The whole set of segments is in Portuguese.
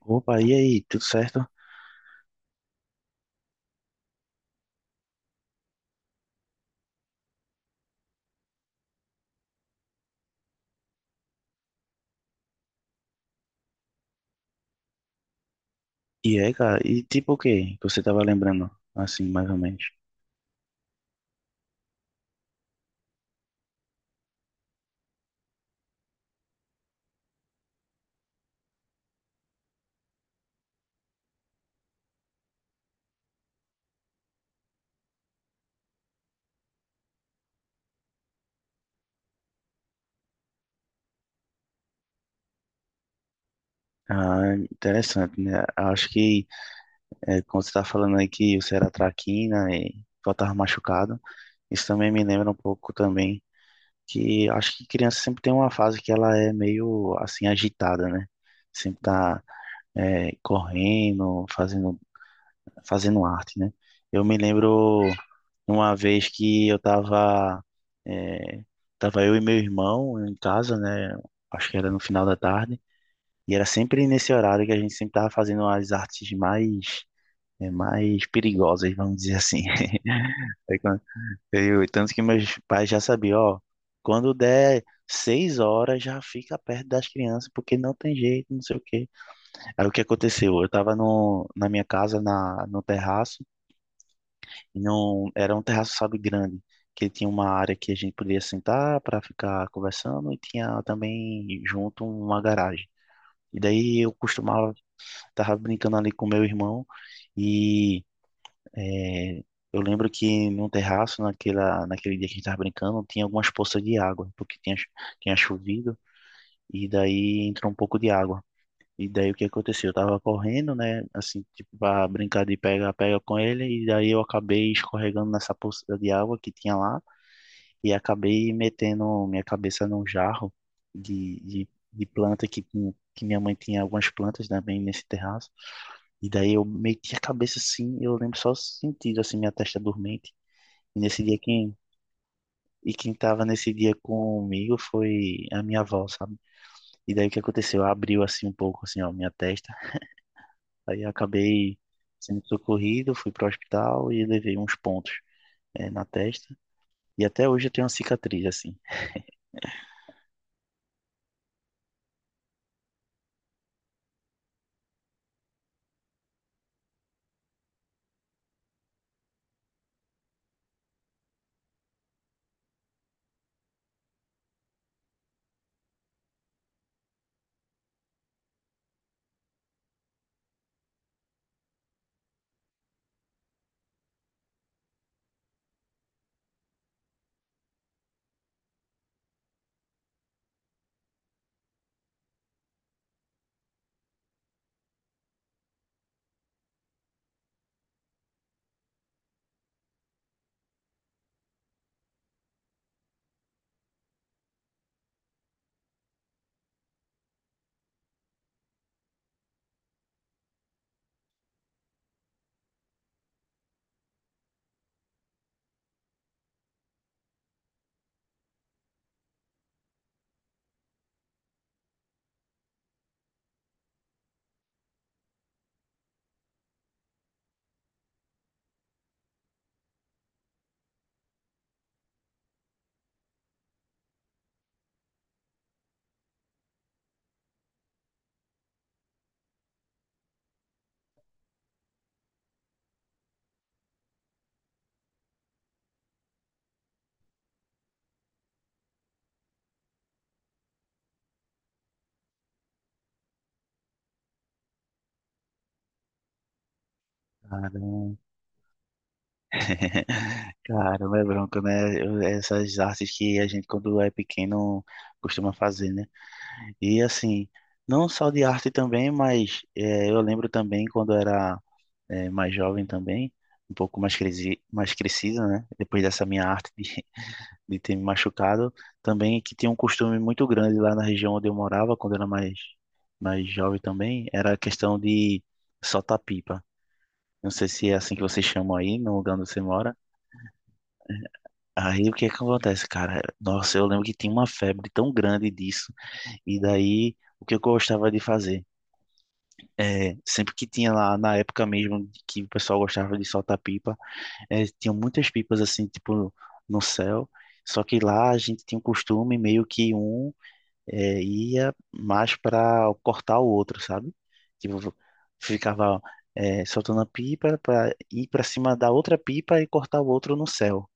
Opa, e aí, tudo certo? E aí, cara, e tipo o que você tava lembrando, assim, mais ou menos? Ah, interessante, né? Acho que quando você tá falando aí que você era traquina e voltava machucado, isso também me lembra um pouco também que acho que criança sempre tem uma fase que ela é meio, assim, agitada, né? Sempre tá correndo, fazendo arte, né? Eu me lembro uma vez que eu tava, eh, tava eu e meu irmão em casa, né? Acho que era no final da tarde, e era sempre nesse horário que a gente sempre tava fazendo as artes mais, mais perigosas, vamos dizer assim. Aí quando- Tanto que meus pais já sabiam, ó, quando der seis horas já fica perto das crianças, porque não tem jeito, não sei o quê. Aí o que aconteceu? Eu tava no, na minha casa, no terraço, não, era um terraço, sabe, grande, que tinha uma área que a gente podia sentar para ficar conversando e tinha também junto uma garagem. E daí eu costumava Tava brincando ali com meu irmão e eh, eu lembro que no terraço, naquele dia que a gente tava brincando, tinha algumas poças de água, porque tinha, tinha chovido e daí entrou um pouco de água. E daí o que aconteceu? Eu tava correndo, né? Assim, tipo, pra brincar de pega-pega com ele, e daí eu acabei escorregando nessa poça de água que tinha lá, e acabei metendo minha cabeça num jarro de planta que, que minha mãe tinha algumas plantas, também nesse terraço. E daí eu meti a cabeça assim, eu lembro só sentindo, assim, minha testa dormente. E nesse dia quem. E quem tava nesse dia comigo foi a minha avó, sabe? E daí o que aconteceu? Ela abriu assim um pouco, assim, ó, minha testa. Aí acabei sendo socorrido, fui para o hospital e levei uns pontos, na testa. E até hoje eu tenho uma cicatriz, assim. Caramba, caramba, é bronco, né? Essas artes que a gente, quando é pequeno, costuma fazer, né? E assim, não só de arte também, mas eu lembro também quando eu era mais jovem também, um pouco mais, cresi mais crescido, né? Depois dessa minha arte de ter me machucado. Também que tinha um costume muito grande lá na região onde eu morava, quando eu era mais, mais jovem também, era a questão de soltar pipa. Não sei se é assim que vocês chamam aí, no lugar onde você mora. Aí o que é que acontece, cara? Nossa, eu lembro que tinha uma febre tão grande disso. E daí, o que eu gostava de fazer? É, sempre que tinha lá, na época mesmo, que o pessoal gostava de soltar pipa, tinha muitas pipas assim, tipo, no céu. Só que lá a gente tinha um costume meio que um ia mais para cortar o outro, sabe? Tipo, ficava soltando a pipa para ir para cima da outra pipa e cortar o outro no céu.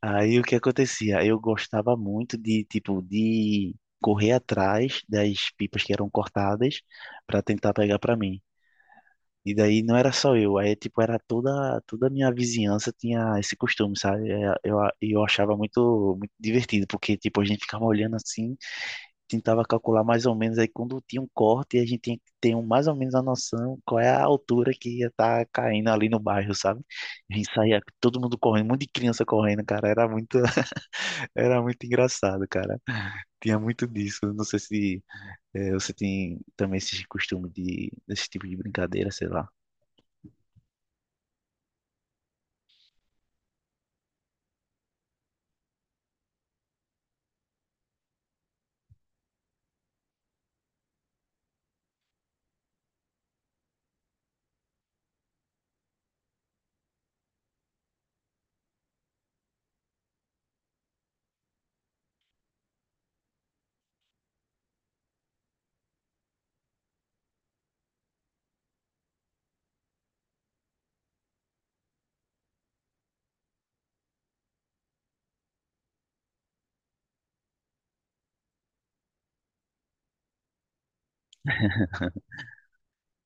Aí o que acontecia? Eu gostava muito de, tipo, de correr atrás das pipas que eram cortadas para tentar pegar para mim. E daí não era só eu, aí tipo era toda a minha vizinhança tinha esse costume, sabe? É, eu achava muito divertido, porque tipo a gente ficava olhando assim tentava calcular mais ou menos aí quando tinha um corte, a gente tinha que ter um, mais ou menos a noção qual é a altura que ia estar caindo ali no bairro, sabe? A gente saía todo mundo correndo, um monte de criança correndo, cara, era muito, era muito engraçado, cara. Tinha muito disso. Não sei se você tem também esse costume de desse tipo de brincadeira, sei lá.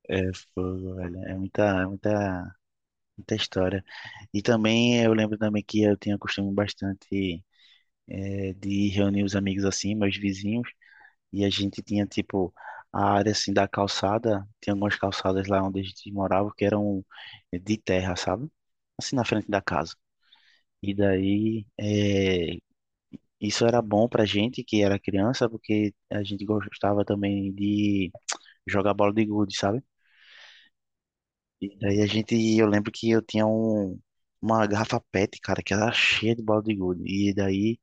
É, fogo, velho. É Muita história. E também eu lembro também que eu tinha costume bastante de reunir os amigos assim, meus vizinhos, e a gente tinha tipo a área assim da calçada, tinha algumas calçadas lá onde a gente morava que eram de terra, sabe? Assim na frente da casa. E daí isso era bom pra gente que era criança, porque a gente gostava também de jogar bola de gude, sabe? E daí a gente, eu lembro que eu tinha uma garrafa PET, cara, que era cheia de bala de gude. E daí,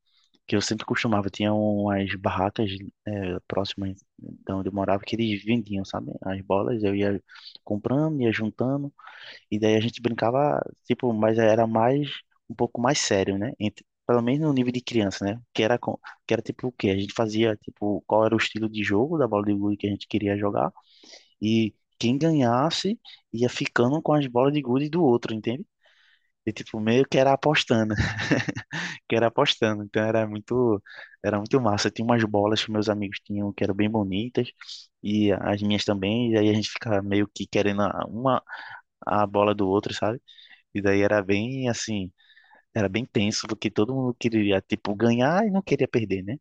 que eu sempre costumava, tinha umas barracas próximas de onde eu morava que eles vendiam, sabe? As bolas, eu ia comprando, ia juntando. E daí a gente brincava, tipo, mas era mais, um pouco mais sério, né? Pelo menos no nível de criança, né? Que era, que era tipo o quê? A gente fazia, tipo, qual era o estilo de jogo da bola de gude que a gente queria jogar. E quem ganhasse ia ficando com as bolas de gude do outro, entende? E tipo, meio que era apostando, que era apostando. Então era muito massa. Tinha umas bolas que meus amigos tinham que eram bem bonitas, e as minhas também, e aí a gente ficava meio que querendo a- uma a bola do outro, sabe? E daí era bem assim, era bem tenso, porque todo mundo queria, tipo, ganhar e não queria perder, né?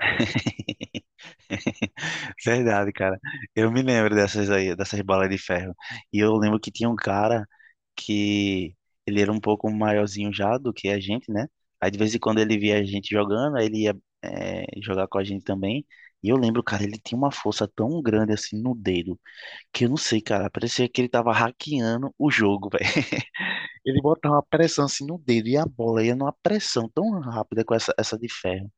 Verdade, cara. Eu me lembro dessas aí, dessas bolas de ferro. E eu lembro que tinha um cara que ele era um pouco maiorzinho já do que a gente, né? Aí de vez em quando ele via a gente jogando, aí ele ia jogar com a gente também. E eu lembro, cara, ele tinha uma força tão grande assim no dedo, que eu não sei, cara, parecia que ele tava hackeando o jogo, velho. Ele botava uma pressão assim no dedo e a bola ia numa pressão tão rápida com essa, essa de ferro.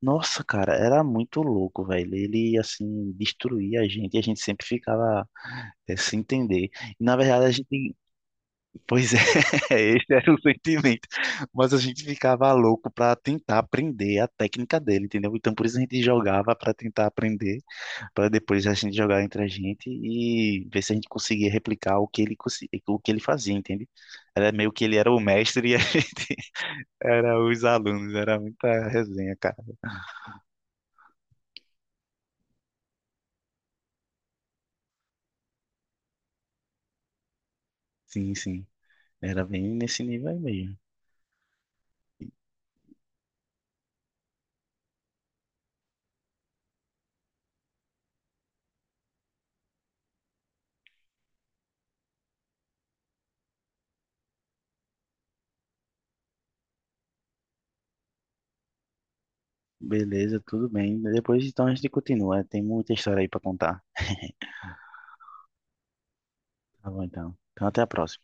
Nossa, cara, era muito louco, velho. Ele, assim, destruía a gente e a gente sempre ficava sem entender. E, na verdade, a gente. Pois é, esse era o sentimento. Mas a gente ficava louco pra tentar aprender a técnica dele, entendeu? Então, por isso a gente jogava pra tentar aprender, pra depois a gente jogar entre a gente e ver se a gente conseguia replicar o que ele, o que ele fazia, entende? Era meio que ele era o mestre e a gente era os alunos. Era muita resenha, cara. Sim, sim. Era bem nesse nível aí mesmo. Beleza, tudo bem. Depois então a gente continua. Tem muita história aí pra contar. Tá bom então. Então até a próxima.